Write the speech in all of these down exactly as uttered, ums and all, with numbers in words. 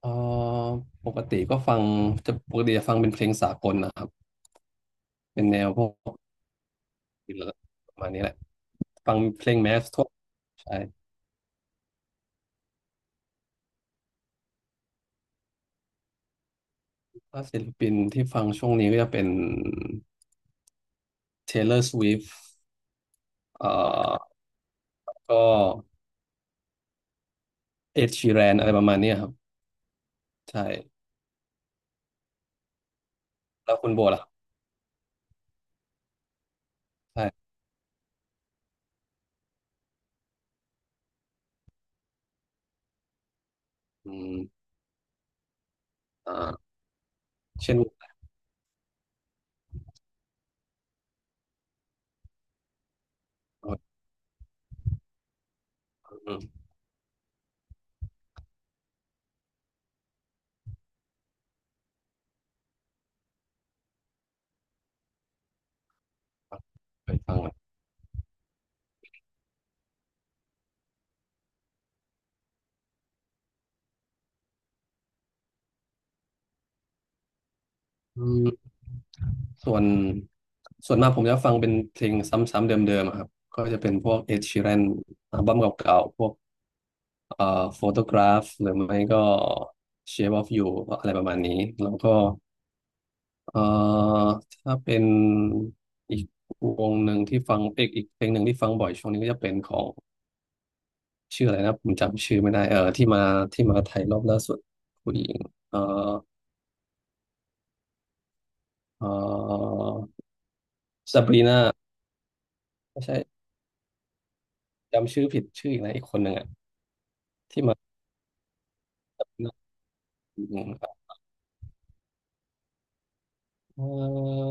เอ่อปกติก็ฟังจะปกติจะฟังเป็นเพลงสากลนะครับ เป็นแนวพวกประมาณนี้แหละ ฟังเพลงแมสทั่วใช่ถ้าศิลปินที่ฟังช่วงนี้ก็จะเป็น Taylor Swift เอ่อก็ Ed Sheeran อะไรประมาณเนี้ยครับ ใช่ แล้วคุณโบล่ะครับใช่อืมอ่าเช่นอืมเคยฟังไหมอืมส่วนส่วนมากผมจะฟังเป็นเพลงซ้ำๆเดิมๆอะครับก็จะเป็นพวก Ed Sheeran อัลบั้มเก่าๆพวก เอ่อโฟโตกราฟหรือไม่ก็ Shape of You อะไรประมาณนี้แล้วก็เอ่อถ้าเป็นอีกวงหนึ่งที่ฟังเอกอีกเพลงหนึ่งที่ฟังบ่อยช่วงนี้ก็จะเป็นของชื่ออะไรนะผมจำชื่อไม่ได้เออที่มาที่มาไทยรอบล่าสุดผู้หญิงเอ่อเอ่อซาบรีนาไม่ใช่จำชื่อผิดชื่ออีกนะอีกคนหนึ่งอ่ะที่มาอืมครับเอ่อ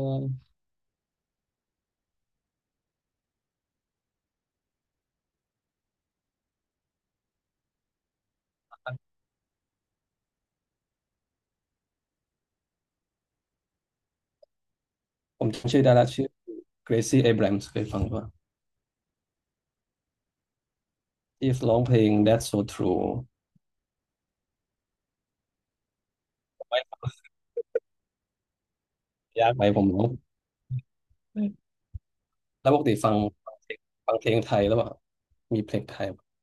ผมจำชื่อได้ละชื่อ Gracie Abrams เคยฟังป่ะที่ร้องเพลง That's So True ยากไหมผมรู้อแล้วปกติฟังฟังเพลงฟังเพลงไทยแล้วเปล่ามีเพลงไทยแ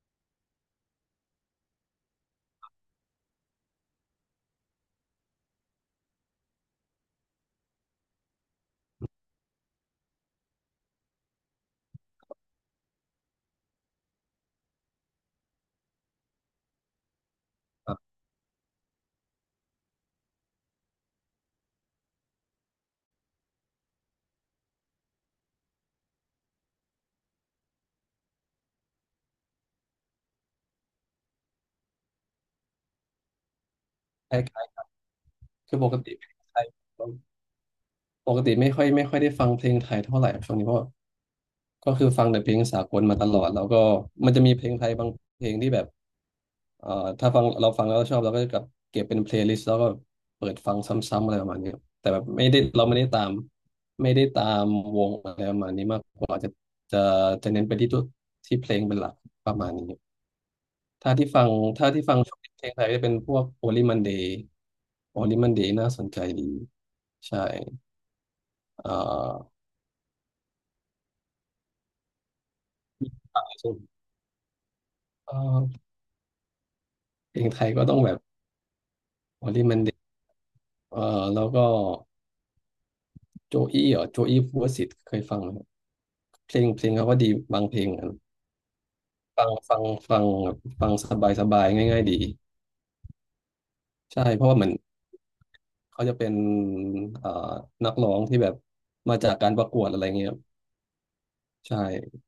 บบคล้ายๆคือปกติเพลงไทยผมปกติไม่ค่อยไม่ค่อยได้ฟังเพลงไทยเท่าไหร่ช่วงนี้เพราะก็คือฟังแต่เพลงสากลมาตลอดแล้วก็มันจะมีเพลงไทยบางเพลงที่แบบเอ่อถ้าฟังเราฟังแล้วชอบเราก็จะกลับเก็บเป็นเพลย์ลิสต์แล้วก็เปิดฟังซ้ำๆอะไรประมาณนี้ครับแต่แบบไม่ได้เราไม่ได้ตามไม่ได้ตามวงอะไรประมาณนี้มากกว่าจะจะจะเน้นไปที่ตัวที่เพลงเป็นหลักประมาณนี้ ถ้าที่ฟังถ้าที่ฟังช่วงนี้เพลงไทยจะเป็นพวก Only Monday Only Monday น่าสนใจดีใช่เอ่อเอ่อเพลงไทยก็ต้องแบบ Only Monday เอ่อแล้วก็โจอี้เหรอโจอี้ภูวสิทธิ์เคยฟังไหมครับเพลงเพลงเขาก็ดีบางเพลงอะฟังฟังฟังฟังสบายสบายง่ายๆดีใช่เพราะว่าเหมือนเขาจะเป็นเอ่อนักร้องที่แบบมาจากการประกวดอะไรเงี้ยครับใช่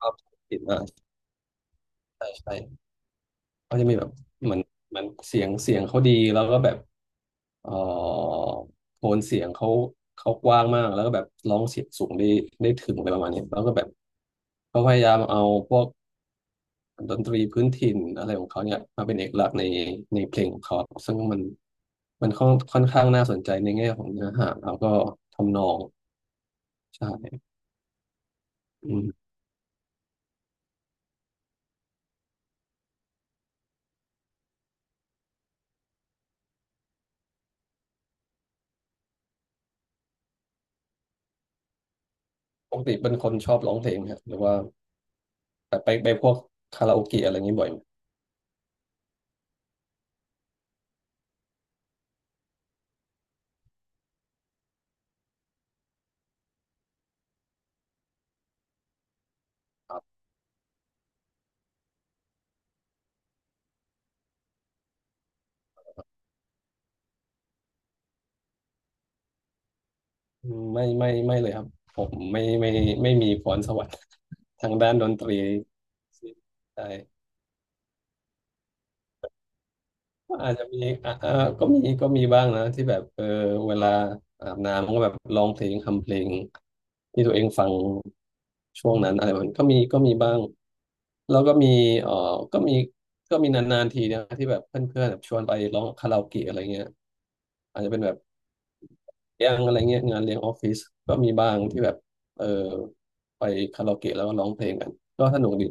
ภาพผิดอ่ะใช่ใช่ เขาจะมีแบบเหมือนเหมือนเสียงเสียงเขาดีแล้วก็แบบเอ่อโทนเสียงเขาเขากว้างมากแล้วก็แบบร้องเสียงสูงได้ได้ถึงอะไรประมาณนี้แล้วก็แบบเขาพยายามเอาพวกดนตรีพื้นถิ่นอะไรของเขาเนี่ยมาเป็นเอกลักษณ์ในในเพลงของเขาซึ่งมันมันค่อนค่อนข้างน่าสนใจในแง่ของเนื้อหาแล้วก็ทำนองใช่อืมปกติเป็นคนชอบร้องเพลงไหมครับหรือว่าแบบไปไปพวกคาราโอเกะอะไรอย่างนี้บ่อยไหม อืมไม่ไม่ไม่เลยครับผมไม่ไม่ไม่มีพรสวรรค์ ทางด้านดนตรีใช่ อาจจะมีอ่ะเอ่อก็มีก็มีบ้างนะที่แบบเออเวลาอาบน้ำก็แบบร้องเพลงทำเพลงที่ตัวเองฟังช่วงนั้นอะไรแบบนี้ก็มีก็มีบ้างแล้วก็มีเออก็มีก็มีนานๆทีนะที่แบบเพื่อนๆแบบชวนไปร้องคาราโอเกะอะไรเงี้ยอาจจะเป็นแบบเลี้ยงอะไรเงี้ยงานเลี้ยงออฟฟิศก็มีบ้างที่แบบเออไปคาราโอเกะแล้วก็ร้องเพลงกันก็สนุกดี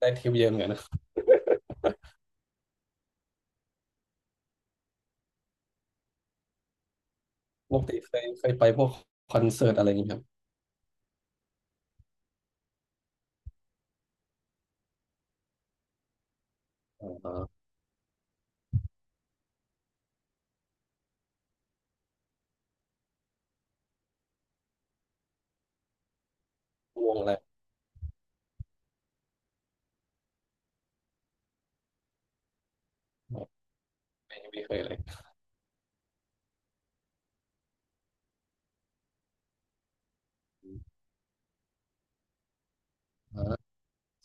ได้ทริปเยอะเหมือนกันน ปกติเคยเคยไปพวกคอนเสิร์ตอะไรอย่างนี้ครับอาวงอะไรไม่ไม่เคยเลยอ่า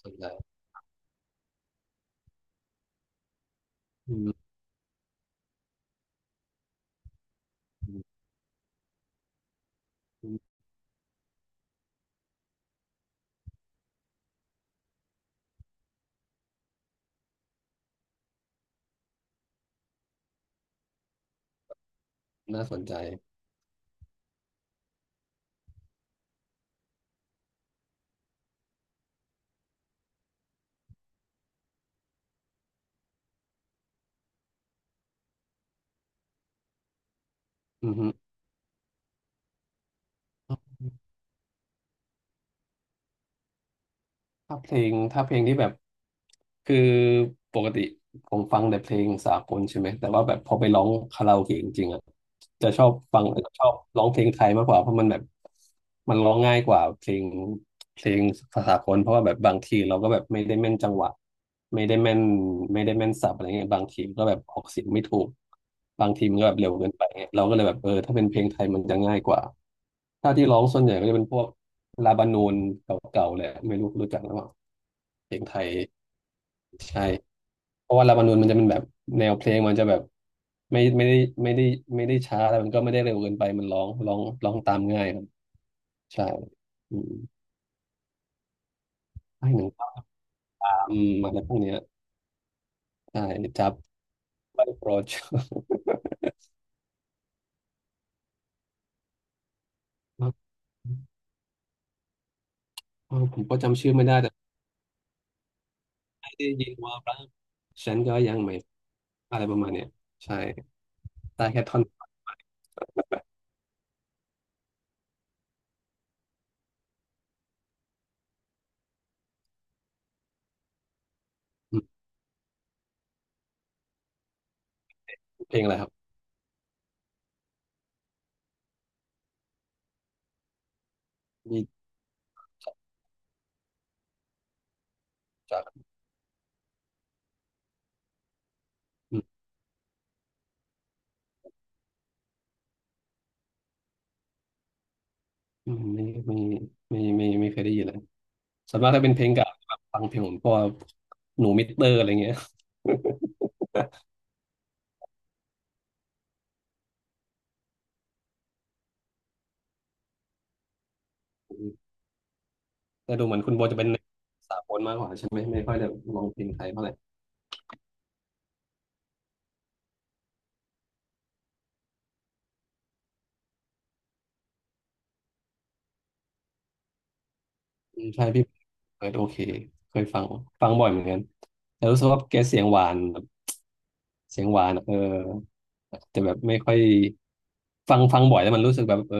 สนใจอืมอืมอืมน่าสนใจอือฮึถ้าเพลงถ้าเพลงที่แบบคือปกติ ผมฟังแต่เพลงสากลใช่ไหมแต่ว่าแบบพอไปร้องคาราโอเกะจริงๆอ่ะจะชอบฟังชอบร้องเพลงไทยมากกว่าเพราะมันแบบมันร้องง่ายกว่าเพลงเพลงภาษากลเพราะว่าแบบบางทีเราก็แบบไม่ได้แม่นจังหวะไม่ได้แม่นไม่ได้แม่นศัพท์อะไรเงี้ยบางทีก็แบบออกเสียงไม่ถูกบางทีมันก็แบบเร็วเกินไปเงี้ยเราก็เลยแบบเออถ้าเป็นเพลงไทยมันจะง่ายกว่าถ้าที่ร้องส่วนใหญ่ก็จะเป็นพวกลาบานูนเก่าๆแหละไม่รู้รู้จักหรือเปล่าเพลงไทยใช่ เพราะว่าลาบานูนมันจะเป็นแบบแนวเพลงมันจะแบบไม่ไม่ได้ไม่ได้ไม่ได้ช้าแล้วมันก็ไม่ได้เร็วเกินไปมันร้องร้องร้องตามง่ายครับใช่อืมให้หนึ่งตามอะไรพวกเนี้ยใช่จับไปโปรดเออผมก็จำชื่อไม่ได้แต่ได้ยินว่าบ้างฉันก็ยังไม่อะไรประมาณเนี้ยใช่ได้แค่ท่อนอืมเพลงอะไรครับมีจากอืมอืมไม่ไม่ไม่ไม่ไม่ไม่เคยได้ยินเลยส่วนมากถ้าเป็นเพลงเก่าแบบฟังเพลงผมก็หนูมิสเตอร์อะไรเงี้ย แต่ดูเหมือนคุณโบจะเป็นสากลมากกว่าใช่ไหมไม่ค่อยได้ร้องเพลงไทยเท่าไหร่อืมใช่พี่เปิดโอเคเคยฟังฟังบ่อยเหมือนกันแต่รู้สึกว่าแกเสียงหวานแบบเสียงหวานอะเออแต่แบบไม่ค่อยฟังฟังบ่อยแล้วมันรู้สึกแบบเออ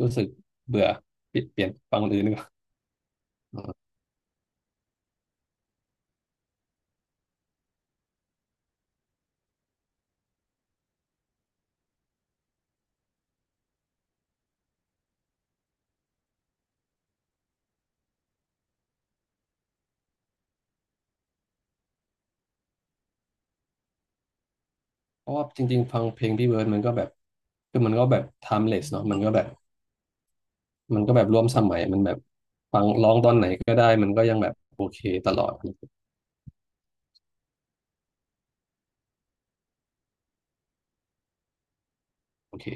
รู้สึกเบื่อเปลี่ยนเปลี่ยนฟังคนอื่นดีกว่าเออเพราะว่าจริงๆฟังเพลงพี่เบิร์ดมันก็แบบคือมันก็แบบ timeless เนาะมันก็แบบมันก็แบบร่วมสมัยมันแบบฟังร้องตอนไหนก็ได้มันก็ยังแบบโอเคตลอดโอเค